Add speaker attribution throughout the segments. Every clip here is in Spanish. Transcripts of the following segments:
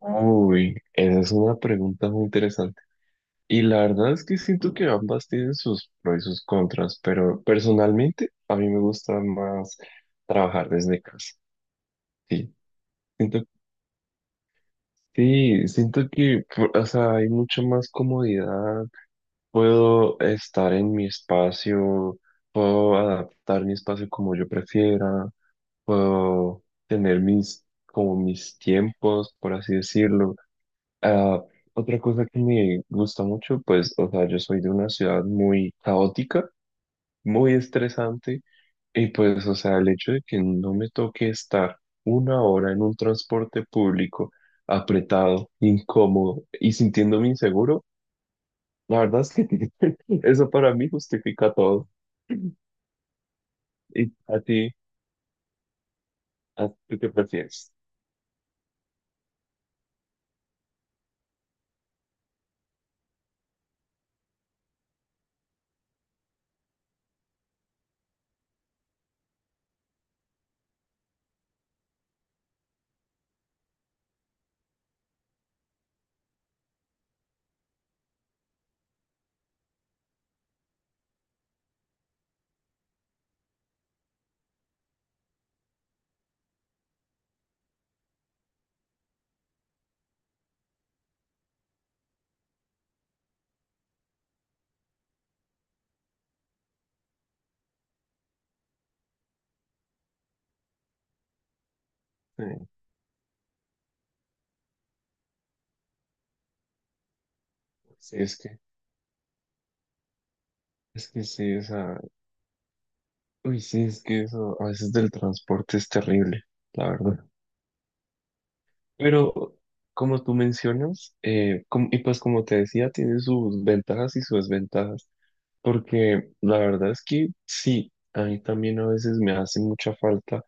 Speaker 1: Uy, esa es una pregunta muy interesante. Y la verdad es que siento que ambas tienen sus pros y sus contras, pero personalmente a mí me gusta más trabajar desde casa. Sí, siento, sí, siento que, o sea, hay mucha más comodidad. Puedo estar en mi espacio, puedo adaptar mi espacio como yo prefiera, puedo tener mis, como mis tiempos, por así decirlo. Ah, otra cosa que me gusta mucho, pues, o sea, yo soy de una ciudad muy caótica, muy estresante, y pues, o sea, el hecho de que no me toque estar una hora en un transporte público apretado, incómodo y sintiéndome inseguro, la verdad es que eso para mí justifica todo. ¿Y a tú qué prefieres? Sí, sí, es que sí, o sea, uy, sí, es que eso a veces del transporte es terrible, la verdad. Pero como tú mencionas, y pues como te decía, tiene sus ventajas y sus desventajas, porque la verdad es que sí, a mí también a veces me hace mucha falta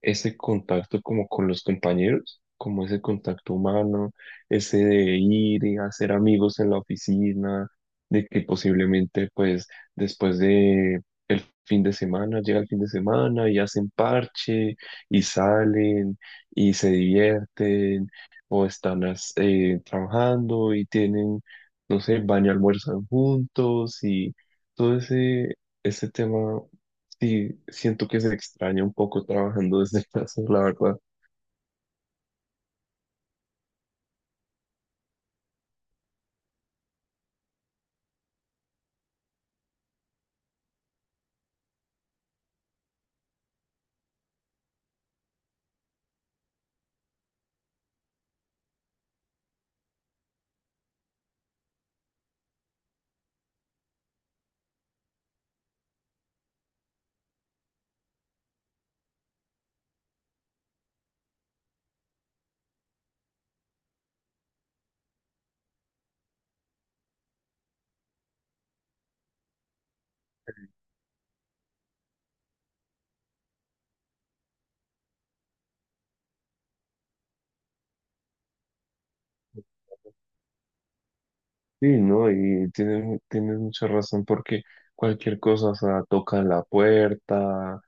Speaker 1: ese contacto como con los compañeros, como ese contacto humano, ese de ir y hacer amigos en la oficina, de que posiblemente pues después de el fin de semana, llega el fin de semana y hacen parche y salen y se divierten o están trabajando y tienen, no sé, van y almuerzan juntos y todo ese tema. Sí, siento que se extraña un poco trabajando desde casa, la verdad. Sí, no, y tienes mucha razón porque cualquier cosa, o sea, tocan la puerta,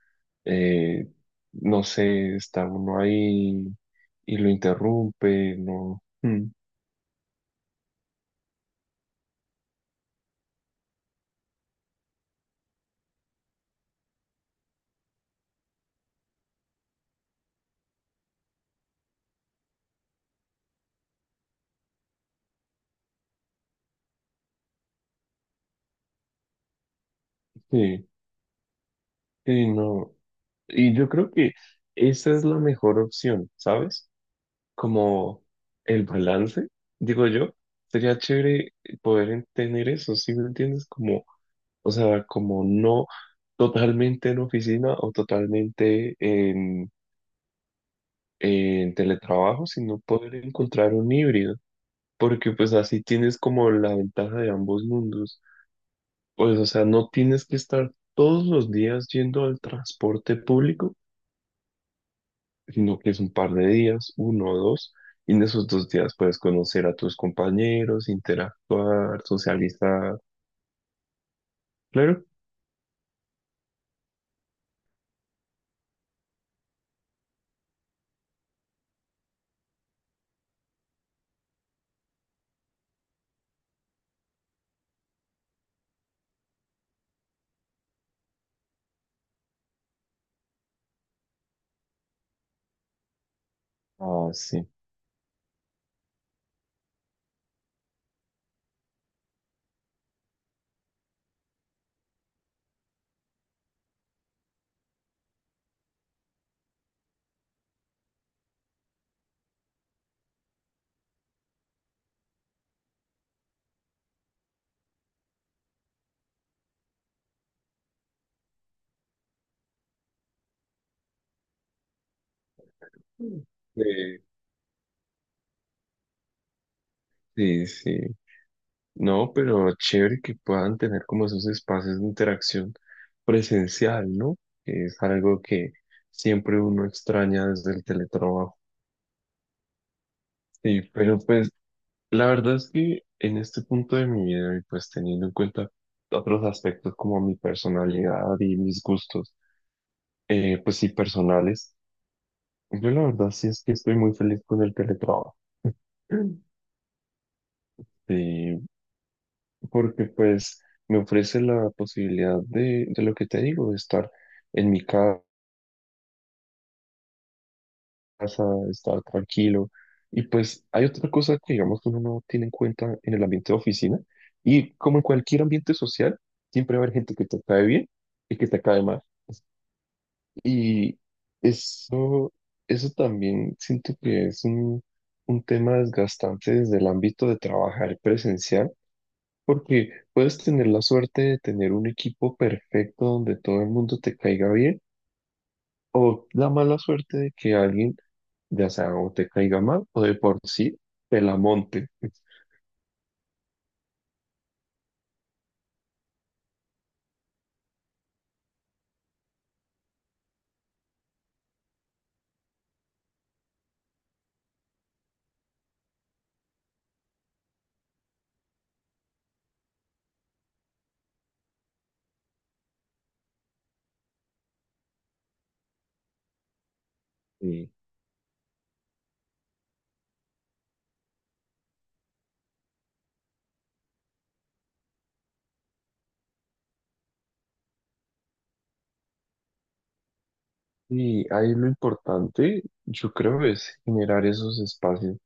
Speaker 1: eh, no sé, está uno ahí y lo interrumpe, no. Mm, sí, sí, no. Y yo creo que esa es la mejor opción, ¿sabes? Como el balance, digo yo, sería chévere poder tener eso, ¿sí me entiendes? Como o sea, como no totalmente en oficina o totalmente en teletrabajo, sino poder encontrar un híbrido, porque pues así tienes como la ventaja de ambos mundos. Pues, o sea, no tienes que estar todos los días yendo al transporte público, sino que es un par de días, uno o dos, y en esos dos días puedes conocer a tus compañeros, interactuar, socializar. Claro. Ah, sí. Eh, sí, sí. No, pero chévere que puedan tener como esos espacios de interacción presencial, ¿no? Que es algo que siempre uno extraña desde el teletrabajo. Sí, pero pues la verdad es que en este punto de mi vida y pues teniendo en cuenta otros aspectos como mi personalidad y mis gustos, pues sí, personales, yo la verdad sí es que estoy muy feliz con el teletrabajo. Sí, porque pues me ofrece la posibilidad de lo que te digo, de estar en mi casa casa, estar tranquilo. Y pues hay otra cosa que digamos que uno no tiene en cuenta en el ambiente de oficina y como en cualquier ambiente social, siempre va a haber gente que te cae bien y que te cae mal. Y eso, eso también siento que es un tema desgastante desde el ámbito de trabajar presencial, porque puedes tener la suerte de tener un equipo perfecto donde todo el mundo te caiga bien o la mala suerte de que alguien, ya sea o te caiga mal o de por sí te la monte. Sí. Y ahí lo importante, yo creo, es generar esos espacios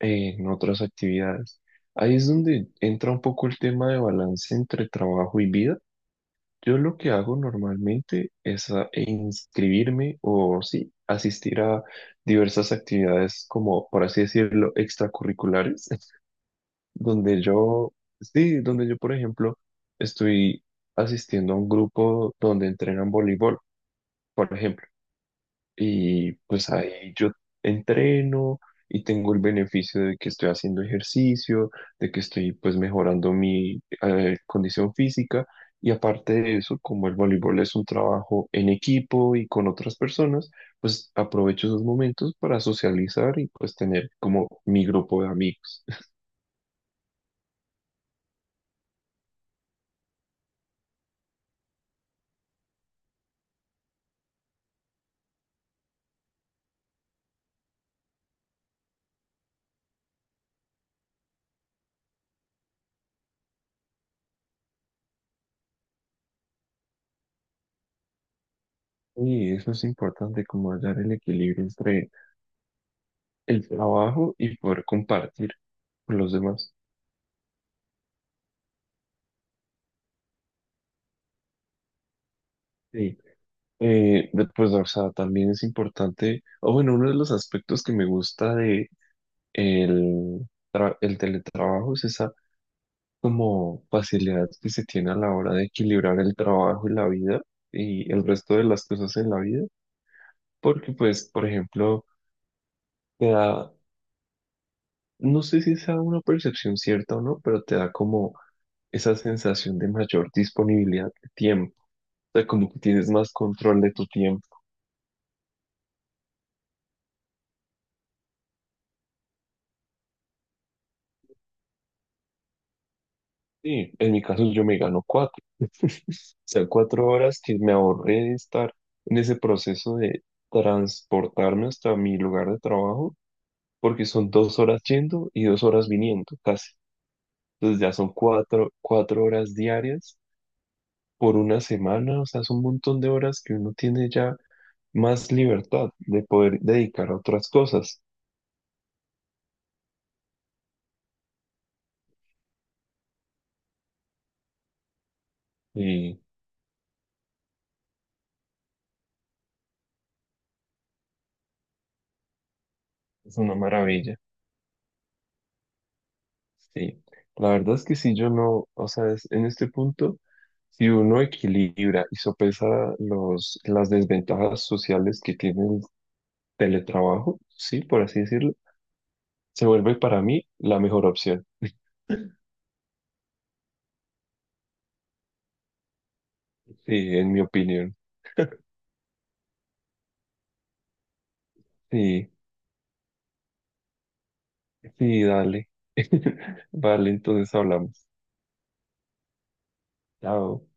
Speaker 1: en otras actividades. Ahí es donde entra un poco el tema de balance entre trabajo y vida. Yo lo que hago normalmente es e inscribirme o sí, asistir a diversas actividades como, por así decirlo, extracurriculares. Donde yo, sí, donde yo, por ejemplo, estoy asistiendo a un grupo donde entrenan voleibol, por ejemplo, y pues ahí yo entreno y tengo el beneficio de que estoy haciendo ejercicio, de que estoy pues mejorando mi condición física. Y aparte de eso, como el voleibol es un trabajo en equipo y con otras personas, pues aprovecho esos momentos para socializar y pues tener como mi grupo de amigos. Y eso es importante, como hallar el equilibrio entre el trabajo y poder compartir con los demás. Sí. Después, o sea, también es importante, o bueno, uno de los aspectos que me gusta de el, tra- el teletrabajo es esa como facilidad que se tiene a la hora de equilibrar el trabajo y la vida y el resto de las cosas en la vida, porque pues, por ejemplo, te da, no sé si sea una percepción cierta o no, pero te da como esa sensación de mayor disponibilidad de tiempo. O sea, como que tienes más control de tu tiempo. Sí, en mi caso yo me gano cuatro. O sea, 4 horas que me ahorré de estar en ese proceso de transportarme hasta mi lugar de trabajo, porque son 2 horas yendo y 2 horas viniendo, casi. Entonces ya son cuatro horas diarias por una semana. O sea, son un montón de horas que uno tiene ya más libertad de poder dedicar a otras cosas. Y es una maravilla. Sí, la verdad es que si yo no, o sea, en este punto, si uno equilibra y sopesa las desventajas sociales que tiene el teletrabajo, sí, por así decirlo, se vuelve para mí la mejor opción, sí, en mi opinión. Sí, sí, dale. Vale, entonces hablamos. Chao.